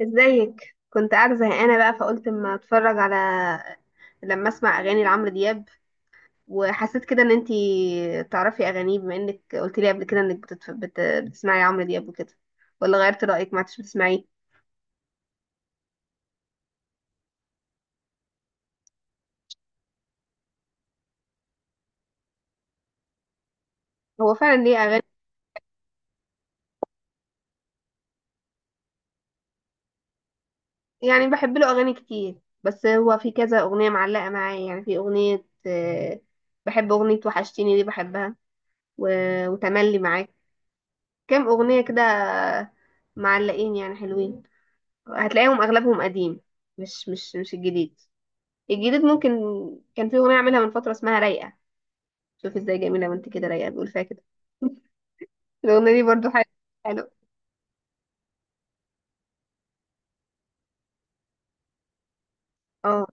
ازيك؟ كنت قاعده زهقانه بقى، فقلت اما اتفرج على لما اسمع اغاني لعمرو دياب. وحسيت كده ان انتي تعرفي اغانيه، بما انك قلت لي قبل كده انك بتسمعي عمرو دياب وكده. ولا غيرت رايك ما عدتش بتسمعيه؟ هو فعلا ليه اغاني. يعني بحب له اغاني كتير، بس هو في كذا اغنيه معلقه معايا، يعني في اغنيه، بحب اغنيه وحشتيني دي بحبها. و... وتملي معاك. كام اغنيه كده معلقين يعني حلوين. هتلاقيهم اغلبهم قديم، مش الجديد. الجديد ممكن كان في اغنيه عاملها من فتره اسمها رايقه. شوف ازاي جميله، وانت كده رايقه بيقول فيها كده. الاغنيه دي برضو حلوه. حلو. اه.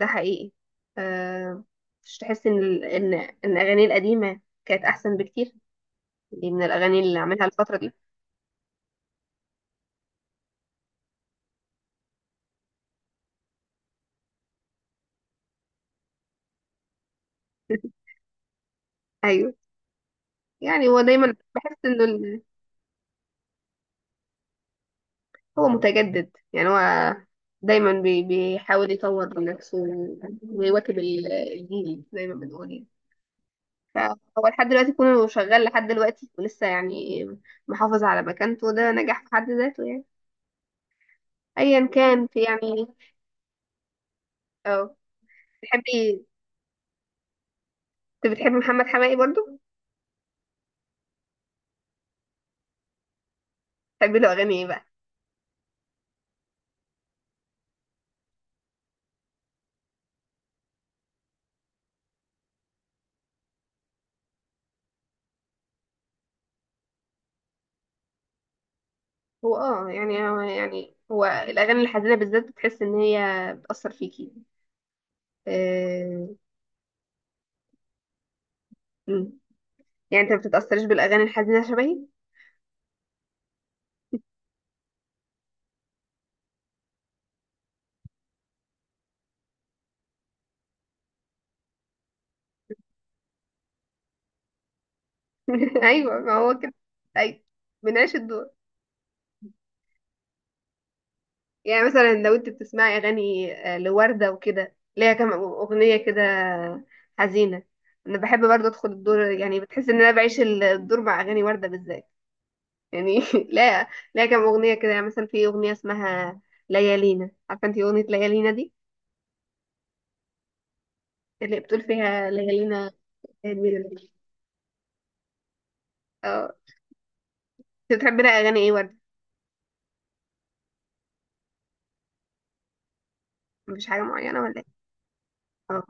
ده حقيقي. آه. مش تحس ان ان الاغاني القديمه كانت احسن بكتير؟ دي من الاغاني اللي عاملها الفتره دي. ايوه. يعني هو دايما بحس انه هو متجدد، يعني هو دايما بيحاول يطور من نفسه، ويواكب الجيل زي ما بنقول يعني. فهو لحد دلوقتي كونه شغال لحد دلوقتي ولسه يعني محافظ على مكانته، ده نجاح في حد ذاته يعني، ايا كان في يعني. اه. تحبي انت بتحبي محمد حماقي برضو؟ تحبي له اغاني ايه بقى؟ هو اه يعني هو يعني هو الاغاني الحزينه بالذات بتحس ان هي بتاثر فيكي، آه، مم. يعني انت ما بتتاثريش بالاغاني الحزينه شبهي؟ ايوه، ما هو كده. ايوه. بنعيش الدور. يعني مثلا لو انت بتسمعي اغاني، لوردة وكده ليها كام اغنية كده حزينة. انا بحب برضه ادخل الدور، يعني بتحس ان انا بعيش الدور مع اغاني وردة بالذات. يعني لا. لا، كام اغنية كده يعني، مثلا في اغنية اسمها ليالينا، عارفة انت اغنية ليالينا دي، اللي بتقول فيها ليالينا؟ ليالينا؟ اه. انت بتحبي لها اغاني ايه وردة؟ مش حاجة معينة ولا ايه؟ اه.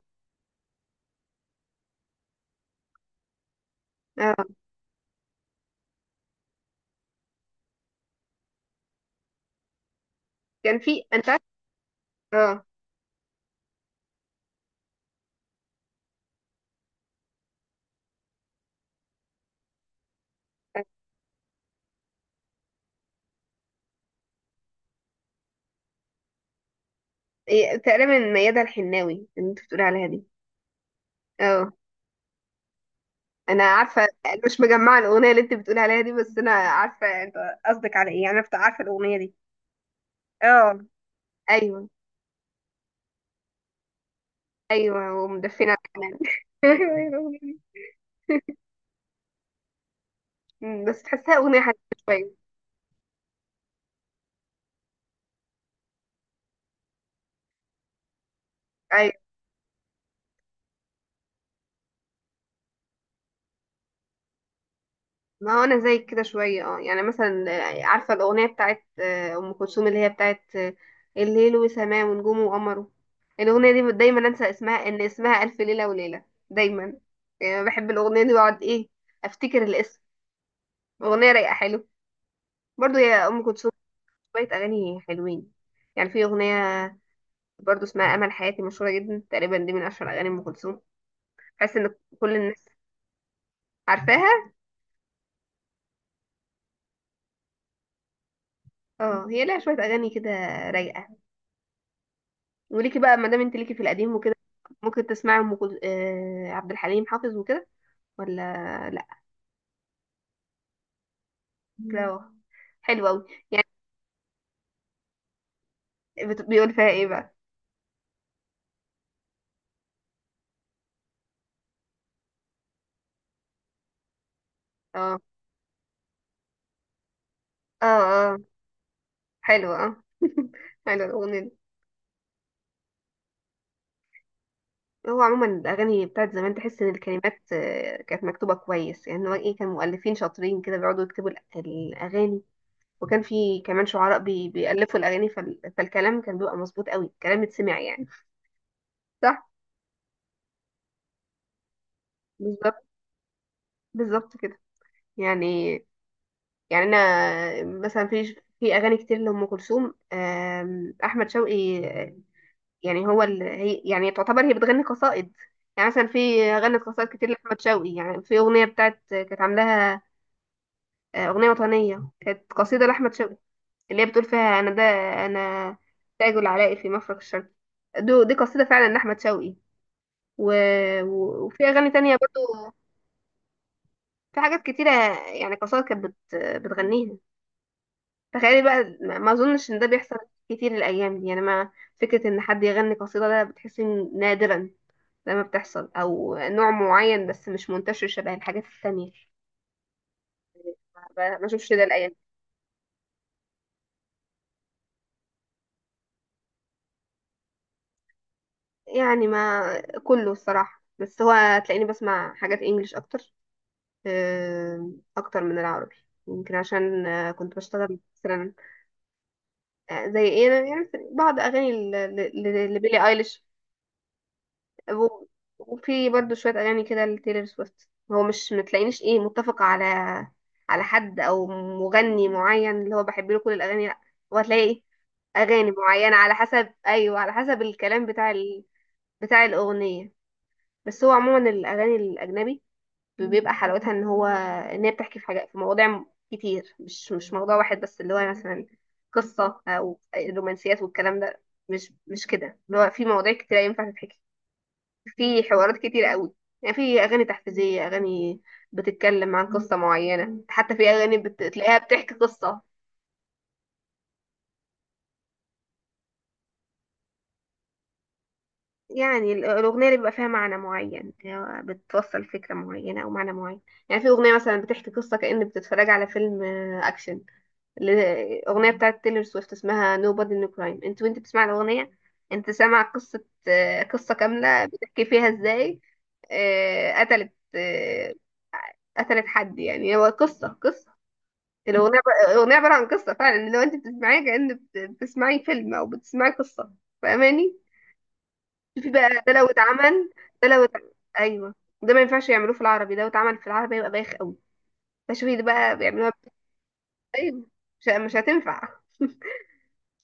اه. كان في، اه. إيه، تقريبا ميادة الحناوي اللي انت بتقولي عليها دي؟ اه. انا عارفه. مش مجمعه الاغنيه اللي انت بتقولي عليها دي، بس انا عارفه انت قصدك على ايه يعني، انا عارفه الاغنيه دي. اه. ايوه. ايوه ومدفنه كمان. ايوه، أيوة، الأغنية دي. بس تحسها اغنيه حزينه شويه. ايوه، ما هو انا زيك كده شويه يعني مثلا، عارفه الاغنيه بتاعت ام كلثوم اللي هي بتاعت، الليل وسماه ونجومه وقمره. الاغنيه دي دايما انسى اسمها، ان اسمها الف ليله وليله دايما. يعني بحب الاغنيه دي واقعد ايه افتكر الاسم. اغنيه رايقه حلوه برضو يا ام كلثوم. شويه اغاني حلوين، يعني في اغنيه برضو اسمها امل حياتي، مشهوره جدا، تقريبا دي من اشهر اغاني ام كلثوم. حاسس ان كل الناس عارفاها. اه، هي لها شويه اغاني كده رايقه. وليكي بقى ما دام انت ليكي في القديم وكده، ممكن تسمعي ام كل... آه عبد الحليم حافظ وكده، ولا لا؟ كده. حلوه قوي. بيقول فيها ايه بقى؟ اه. اه. اه، حلوه، حلوه الاغنيه دي. هو عموما الأغاني بتاعت زمان تحس إن الكلمات، كانت مكتوبة كويس، يعني هو إيه، كان مؤلفين شاطرين كده بيقعدوا يكتبوا الأغاني، وكان في كمان شعراء بيألفوا الأغاني، فالكلام كان بيبقى مظبوط قوي، الكلام يتسمع يعني. صح. بالظبط، بالظبط كده. يعني، يعني أنا مثلا في أغاني كتير لأم كلثوم، أحمد شوقي، يعني هو هي يعني تعتبر هي بتغني قصائد. يعني مثلا في غنت قصائد كتير لأحمد شوقي، يعني في أغنية بتاعت كانت عاملاها، أغنية وطنية كانت قصيدة لأحمد شوقي، اللي هي بتقول فيها أنا ده أنا تاج العلاء في مفرق الشرق. دي قصيدة فعلا لأحمد شوقي. و... وفي أغاني تانية برضو. في حاجات كتيرة، يعني قصائد كانت بتغنيها. تخيلي بقى، ما أظنش إن ده بيحصل كتير الأيام دي يعني، ما فكرة إن حد يغني قصيدة ده بتحسي إن نادرا لما بتحصل، أو نوع معين بس مش منتشر شبه الحاجات التانية. ما أشوفش ده الأيام. يعني ما كله الصراحة، بس هو تلاقيني بسمع حاجات انجليش اكتر، اكتر من العربي. يمكن عشان كنت بشتغل مثلا. زي ايه، أنا يعني بعض اغاني لبيلي ايليش، و- وفي برضو شوية اغاني كده لتايلور سويفت. هو مش متلاقينيش ايه متفقة على حد او مغني معين اللي هو بحب له كل الاغاني، لا. هو هتلاقي ايه اغاني معينة على حسب، ايوه، على حسب الكلام بتاع بتاع الاغنية. بس هو عموما الاغاني الاجنبي بيبقى حلاوتها ان هو ان هي بتحكي في حاجات، في مواضيع كتير، مش موضوع واحد بس، اللي هو مثلا قصة او رومانسيات والكلام ده، مش كده، اللي هو في مواضيع كتير ينفع تتحكي، في حوارات كتير قوي. يعني في اغاني تحفيزية، اغاني بتتكلم عن قصة معينة، حتى في اغاني بتلاقيها بتحكي قصة. يعني الاغنية اللي بيبقى فيها معنى معين، اللي هو بتوصل فكرة معينة او معنى معين. يعني في اغنية مثلا بتحكي قصة كأن بتتفرج على فيلم، اكشن. الأغنية بتاعت تيلر سويفت اسمها Nobody No Crime، انت وانت بتسمع الأغنية انت سامع قصة، قصة كاملة بتحكي فيها ازاي، قتلت، قتلت حد، يعني هو قصة قصة. الأغنية عبارة عن قصة فعلا، لو انت بتسمعيها كأن بتسمعي فيلم أو بتسمعي قصة. فاهماني؟ شوفي بقى، ده لو اتعمل. ده لو اتعمل. أيوه، ده ما ينفعش يعملوه في العربي، ده لو اتعمل في العربي يبقى بايخ قوي. فشوفي ده بقى بيعملوها ازاي؟ مش هتنفع.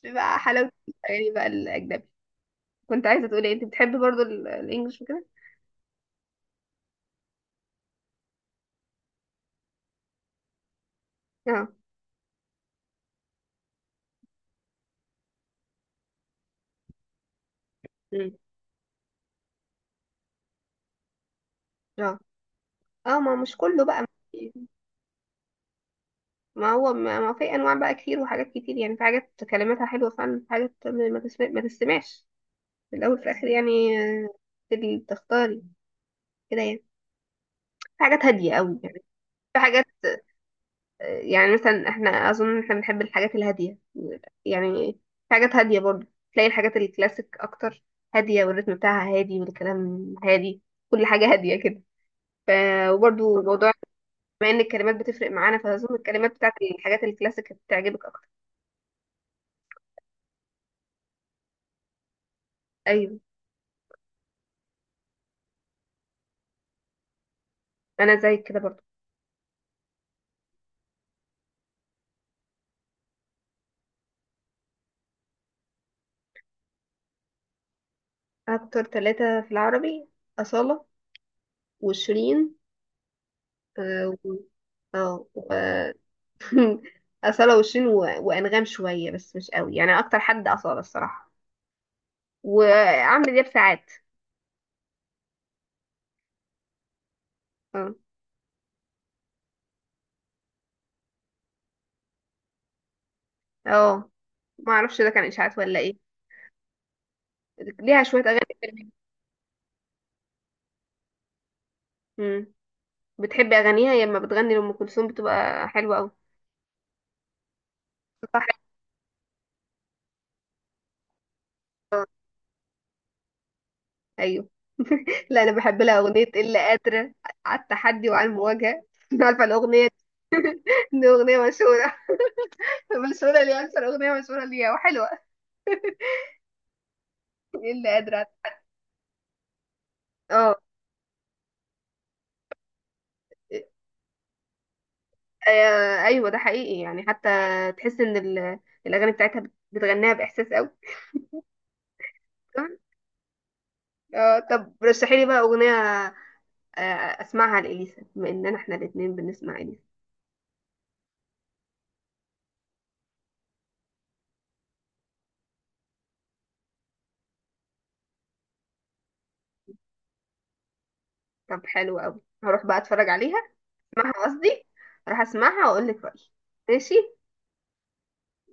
بيبقى حلاوة الأغاني بقى الأجنبي. كنت عايزة تقولي إيه، أنت بتحبي برضو الإنجليش وكده؟ اه. أمم. اه، اه، ما مش كله بقى. ما هو ما في أنواع بقى كتير وحاجات كتير، يعني في حاجات كلماتها حلوة فعلا، في حاجات ما تسمع ما تسمعش في الأول في الآخر يعني. آه، تبي تختاري كده يعني، في حاجات هادية أوي يعني، في حاجات، يعني مثلا احنا اظن احنا بنحب الحاجات الهاديه يعني، في حاجات هاديه برضه، تلاقي الحاجات الكلاسيك اكتر، هاديه والريتم بتاعها هادي والكلام هادي، كل حاجه هاديه كده. ف وبرضه موضوع، بما ان الكلمات بتفرق معانا، فاظن الكلمات بتاعت الحاجات الكلاسيك بتعجبك اكتر. ايوه، انا زيك كده برضه. اكتر 3 في العربي: اصاله، وشيرين. اه، آه، و- اصاله وشيرين وانغام شويه، بس مش قوي يعني، اكتر حد اصاله الصراحه، وعمرو دياب ساعات. اه. اه. ما اعرفش ده كان اشاعات ولا ايه. ليها شويه اغاني حلوين. امم. بتحبي اغانيها، هي لما بتغني لام كلثوم بتبقى حلوه قوي. صح. ايوه. لا، انا بحب لها اغنيه الا قادره على التحدي وعلى المواجهه. عارفه الاغنيه. دي اغنيه مشهوره. مشهوره ليها، اكثر اغنيه مشهوره ليها وحلوه. الا قادره. اه. ايوه ده حقيقي يعني، حتى تحس ان الاغاني بتاعتها بتغنيها باحساس قوي. اه، طب رشحي لي بقى اغنيه، آه، اسمعها لاليسا بما اننا احنا الاثنين بنسمع اليسا. طب حلو قوي، هروح بقى اتفرج عليها. اسمعها قصدي، راح اسمعها واقول لك رايي. ماشي.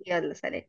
يلا سلام.